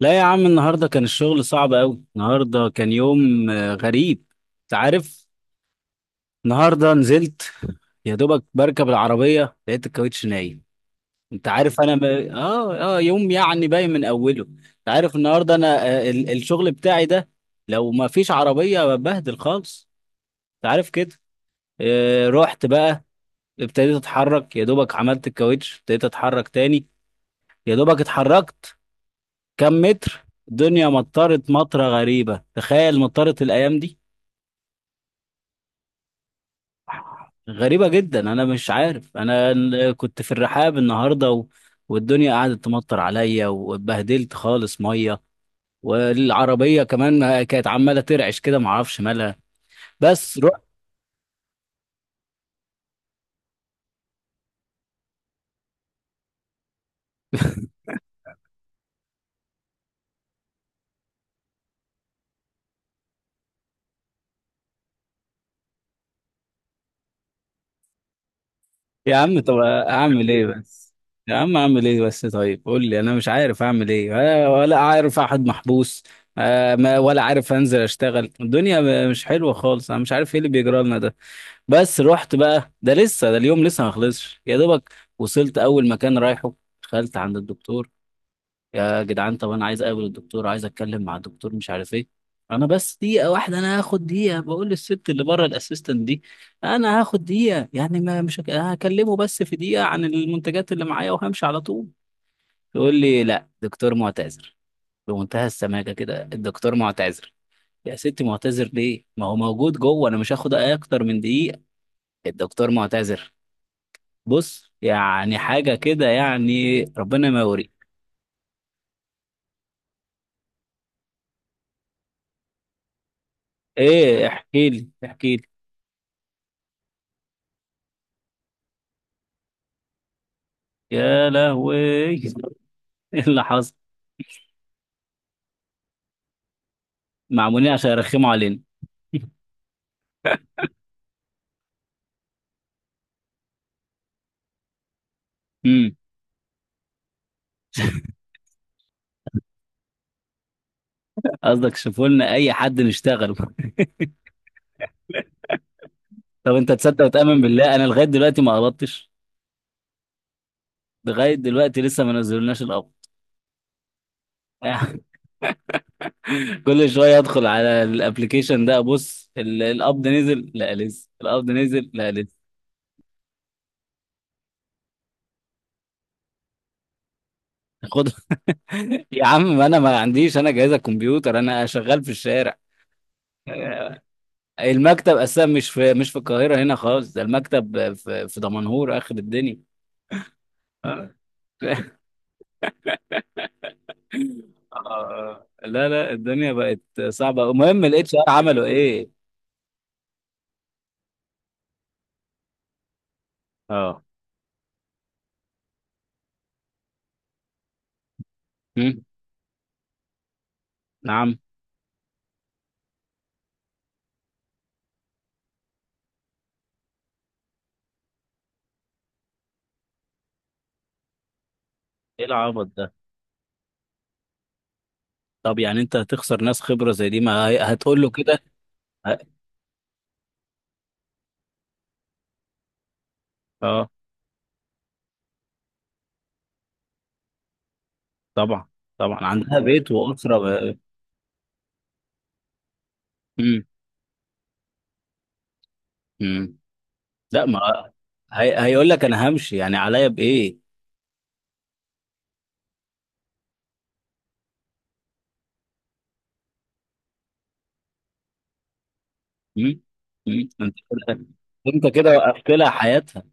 لا يا عم، النهارده كان الشغل صعب قوي. النهارده كان يوم غريب. انت عارف. النهارده نزلت، يا دوبك بركب العربيه لقيت الكاوتش نايم. انت عارف، انا ب... اه اه يوم يعني باين من اوله. انت عارف النهارده انا الشغل بتاعي ده لو ما فيش عربيه ببهدل خالص، انت عارف كده. آه، رحت بقى، ابتديت اتحرك. يا دوبك عملت الكاوتش، ابتديت اتحرك تاني. يا دوبك اتحركت كم متر، الدنيا مطرت مطره غريبه. تخيل، مطرت الايام دي! غريبة جدا. أنا مش عارف، أنا كنت في الرحاب النهاردة والدنيا قعدت تمطر عليا واتبهدلت خالص مية. والعربية كمان كانت عمالة ترعش كده، معرفش مالها. بس رحت يا عم، طب أعمل إيه بس؟ يا عم أعمل إيه بس؟ طيب قول لي، أنا مش عارف أعمل إيه، ولا عارف أحد محبوس. ولا عارف أنزل أشتغل. الدنيا مش حلوة خالص، أنا مش عارف إيه اللي بيجرى لنا ده. بس رحت بقى. ده لسه، ده اليوم لسه ما خلصش. يا دوبك وصلت اول مكان رايحه، دخلت عند الدكتور. يا جدعان، طب انا عايز اقابل الدكتور، عايز اتكلم مع الدكتور، مش عارف ايه. انا بس دقيقه واحده، انا هاخد دقيقه، بقول للست اللي بره الاسيستنت دي. انا هاخد دقيقه يعني، ما مش هكلمه بس في دقيقه عن المنتجات اللي معايا وهمشي على طول. يقول لي لا، دكتور معتذر. بمنتهى السماجه كده، الدكتور معتذر. يا ستي، معتذر ليه؟ ما هو موجود جوه، انا مش هاخد اكتر من دقيقه. الدكتور معتذر. بص، يعني حاجة كده، يعني ربنا ما يوري. ايه، احكي لي، احكي لي. يا لهوي ايه اللي حصل؟ معمولين عشان يرخموا علينا. امم، قصدك شوفوا لنا اي حد نشتغل طب انت تصدق وتأمن بالله، انا لغاية دلوقتي ما قبضتش. لغاية دلوقتي لسه ما نزلناش القبض كل شوية ادخل على الابليكيشن ده، ابص القبض نزل؟ لا لسه. القبض نزل؟ لا لسه. خد يا عم، ما انا ما عنديش انا جهاز الكمبيوتر، انا شغال في الشارع. المكتب اساسا مش في، مش في القاهره هنا خالص، ده المكتب في في دمنهور اخر الدنيا. آه. آه. لا لا، الدنيا بقت صعبه. المهم الاتش ار عملوا ايه؟ اه. هم؟ نعم. ايه العبط ده؟ طب يعني انت هتخسر ناس خبره زي دي؟ ما هي- هتقول له كده؟ ه-، اه. طبعا. طبعا عندها بيت واسره. امم. امم. لا ما هيقول لك انا همشي، يعني عليا بايه؟ امم. امم. انت كده، انت كده وقفت لها حياتها.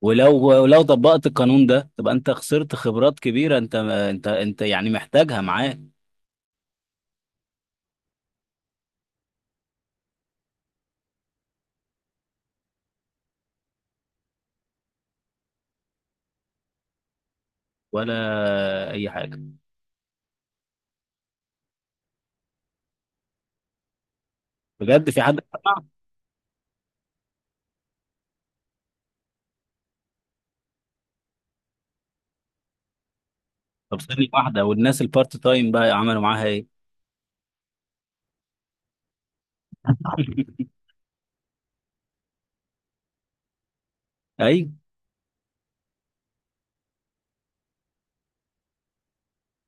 ولو، ولو طبقت القانون ده تبقى انت خسرت خبرات كبيره. انت انت انت يعني محتاجها معاك. ولا اي حاجه. بجد، في حد سمع؟ طب ثانيه واحده، والناس البارت تايم بقى عملوا معاها ايه؟ ايوه.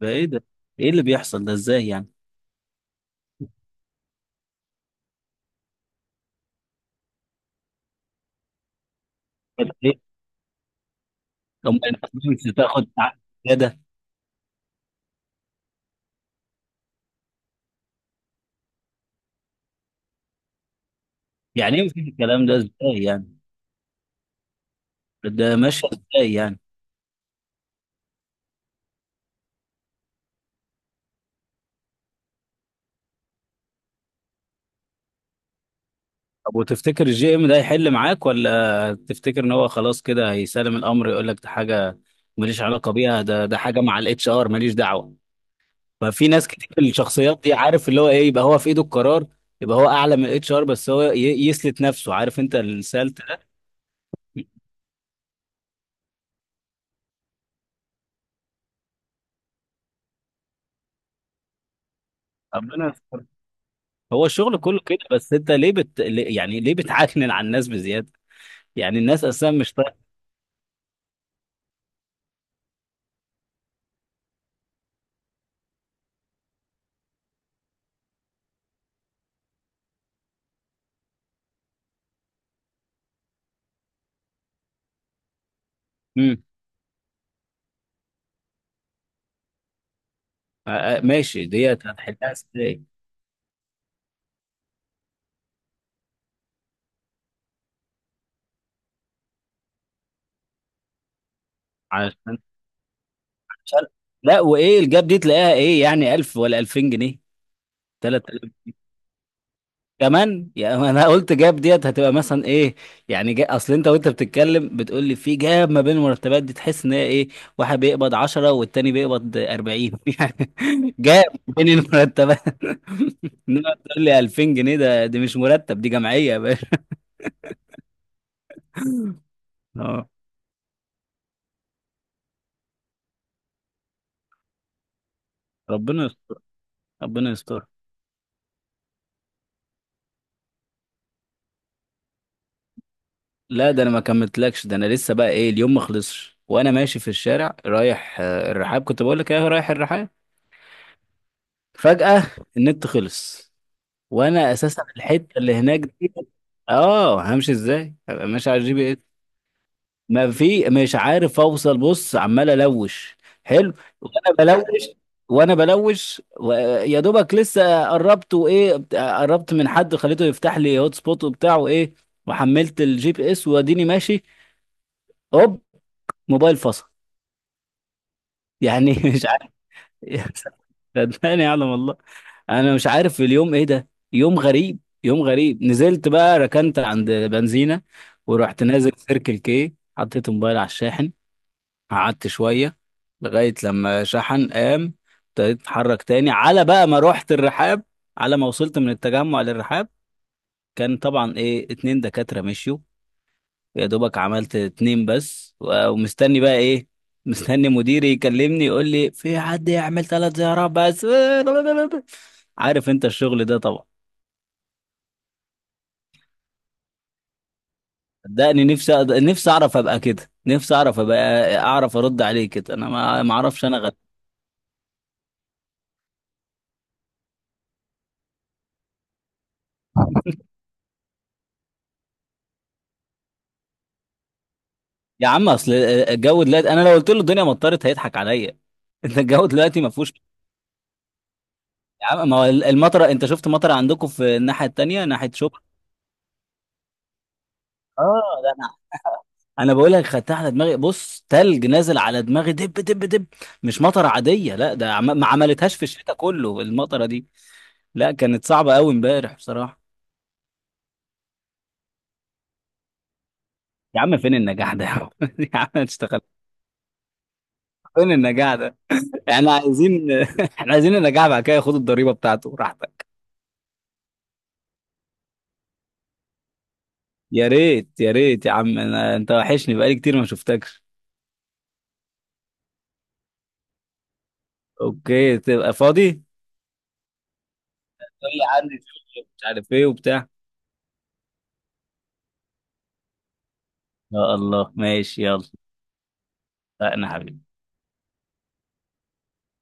ده ايه ده؟ ايه اللي بيحصل ده؟ ازاي يعني؟ طب ايه؟ طب ما انت مش بتاخد زياده؟ يعني ايه مفيش الكلام ده؟ ازاي يعني؟ ده ماشي ازاي يعني؟ طب وتفتكر الجي ام ده هيحل معاك، ولا تفتكر ان هو خلاص كده هيسلم الامر يقول لك ده حاجه ماليش علاقه بيها، ده ده حاجه مع الاتش ار ماليش دعوه؟ ففي ناس كتير الشخصيات دي، عارف اللي هو ايه، يبقى هو في ايده القرار، يبقى هو اعلى من الاتش ار، بس هو يسلت نفسه. عارف انت السالت ده؟ ربنا يستر. هو الشغل كله كده. بس انت ليه يعني ليه بتعكنن على الناس بزياده؟ يعني الناس اصلا مش طايقه. امم. آه، ماشي، ديت هتحلها ازاي؟ مش عارف. لا، وايه الجاب دي تلاقيها ايه يعني؟ 1000 ولا 2000 جنيه؟ 3000 كمان يعني. انا قلت جاب ديت هتبقى مثلا ايه. يعني اصل انت وانت بتتكلم بتقول لي في جاب ما بين المرتبات دي، تحس ان هي ايه؟ واحد بيقبض 10 والتاني بيقبض 40 يعني! جاب بين المرتبات انما تقول لي 2000 جنيه ده، دي مش مرتب، دي جمعيه يا باشا. اه. ربنا يستر. ربنا يستر. لا ده انا ما كملتلكش. ده انا لسه بقى ايه، اليوم ما خلصش. وانا ماشي في الشارع رايح الرحاب، كنت بقول لك ايه، رايح الرحاب. فجأة النت خلص، وانا اساسا الحتة اللي هناك دي. اه همشي ازاي، هبقى ماشي على الجي بي اس. ما في، مش عارف اوصل، بص عمال الوش. حلو. وانا بلوش، يا دوبك لسه قربت وايه، قربت من حد خليته يفتح لي هوت سبوت وبتاع وايه. وحملت الجي بي اس واديني ماشي، هوب، موبايل فصل يعني مش عارف، صدقني يعلم والله. انا مش عارف في اليوم ايه ده، يوم غريب، يوم غريب. نزلت بقى، ركنت عند بنزينة، ورحت نازل سيركل كي، حطيت موبايل على الشاحن. قعدت شوية لغاية لما شحن، قام ابتديت اتحرك تاني. على بقى ما رحت الرحاب، على ما وصلت من التجمع للرحاب، كان طبعا ايه، 2 دكاترة مشيوا. يا دوبك عملت اتنين بس، ومستني بقى ايه، مستني مديري يكلمني يقول لي في حد يعمل 3 زيارات بس عارف انت الشغل ده طبعا. صدقني نفسي نفسي اعرف ابقى كده، نفسي اعرف ابقى اعرف ارد عليه كده. انا ما اعرفش انا غير. يا عم، اصل الجو دلوقتي، انا لو قلت له الدنيا مطرت هيضحك عليا انت الجو دلوقتي ما فيهوش. يا عم، ما هو المطره، انت شفت مطره عندكم في الناحيه التانيه ناحيه شبرا؟ اه ده انا بقول لك، خدتها على دماغي. بص، تلج نازل على دماغي، دب دب دب. مش مطره عاديه لا. ده ما عملتهاش في الشتاء كله المطره دي، لا كانت صعبه قوي امبارح بصراحه. يا عم، فين النجاح ده يا عم؟ يا عم اشتغل. فين النجاح ده؟ احنا عايزين احنا عايزين النجاح، بعد كده ياخد الضريبه بتاعته راحتك. يا ريت، يا ريت يا عم. انت وحشني بقالي كتير ما شفتكش. اوكي، تبقى فاضي؟ ايه، عندي شغل، مش عارف ايه وبتاع. يا الله ماشي، يلا. اتفقنا حبيبي.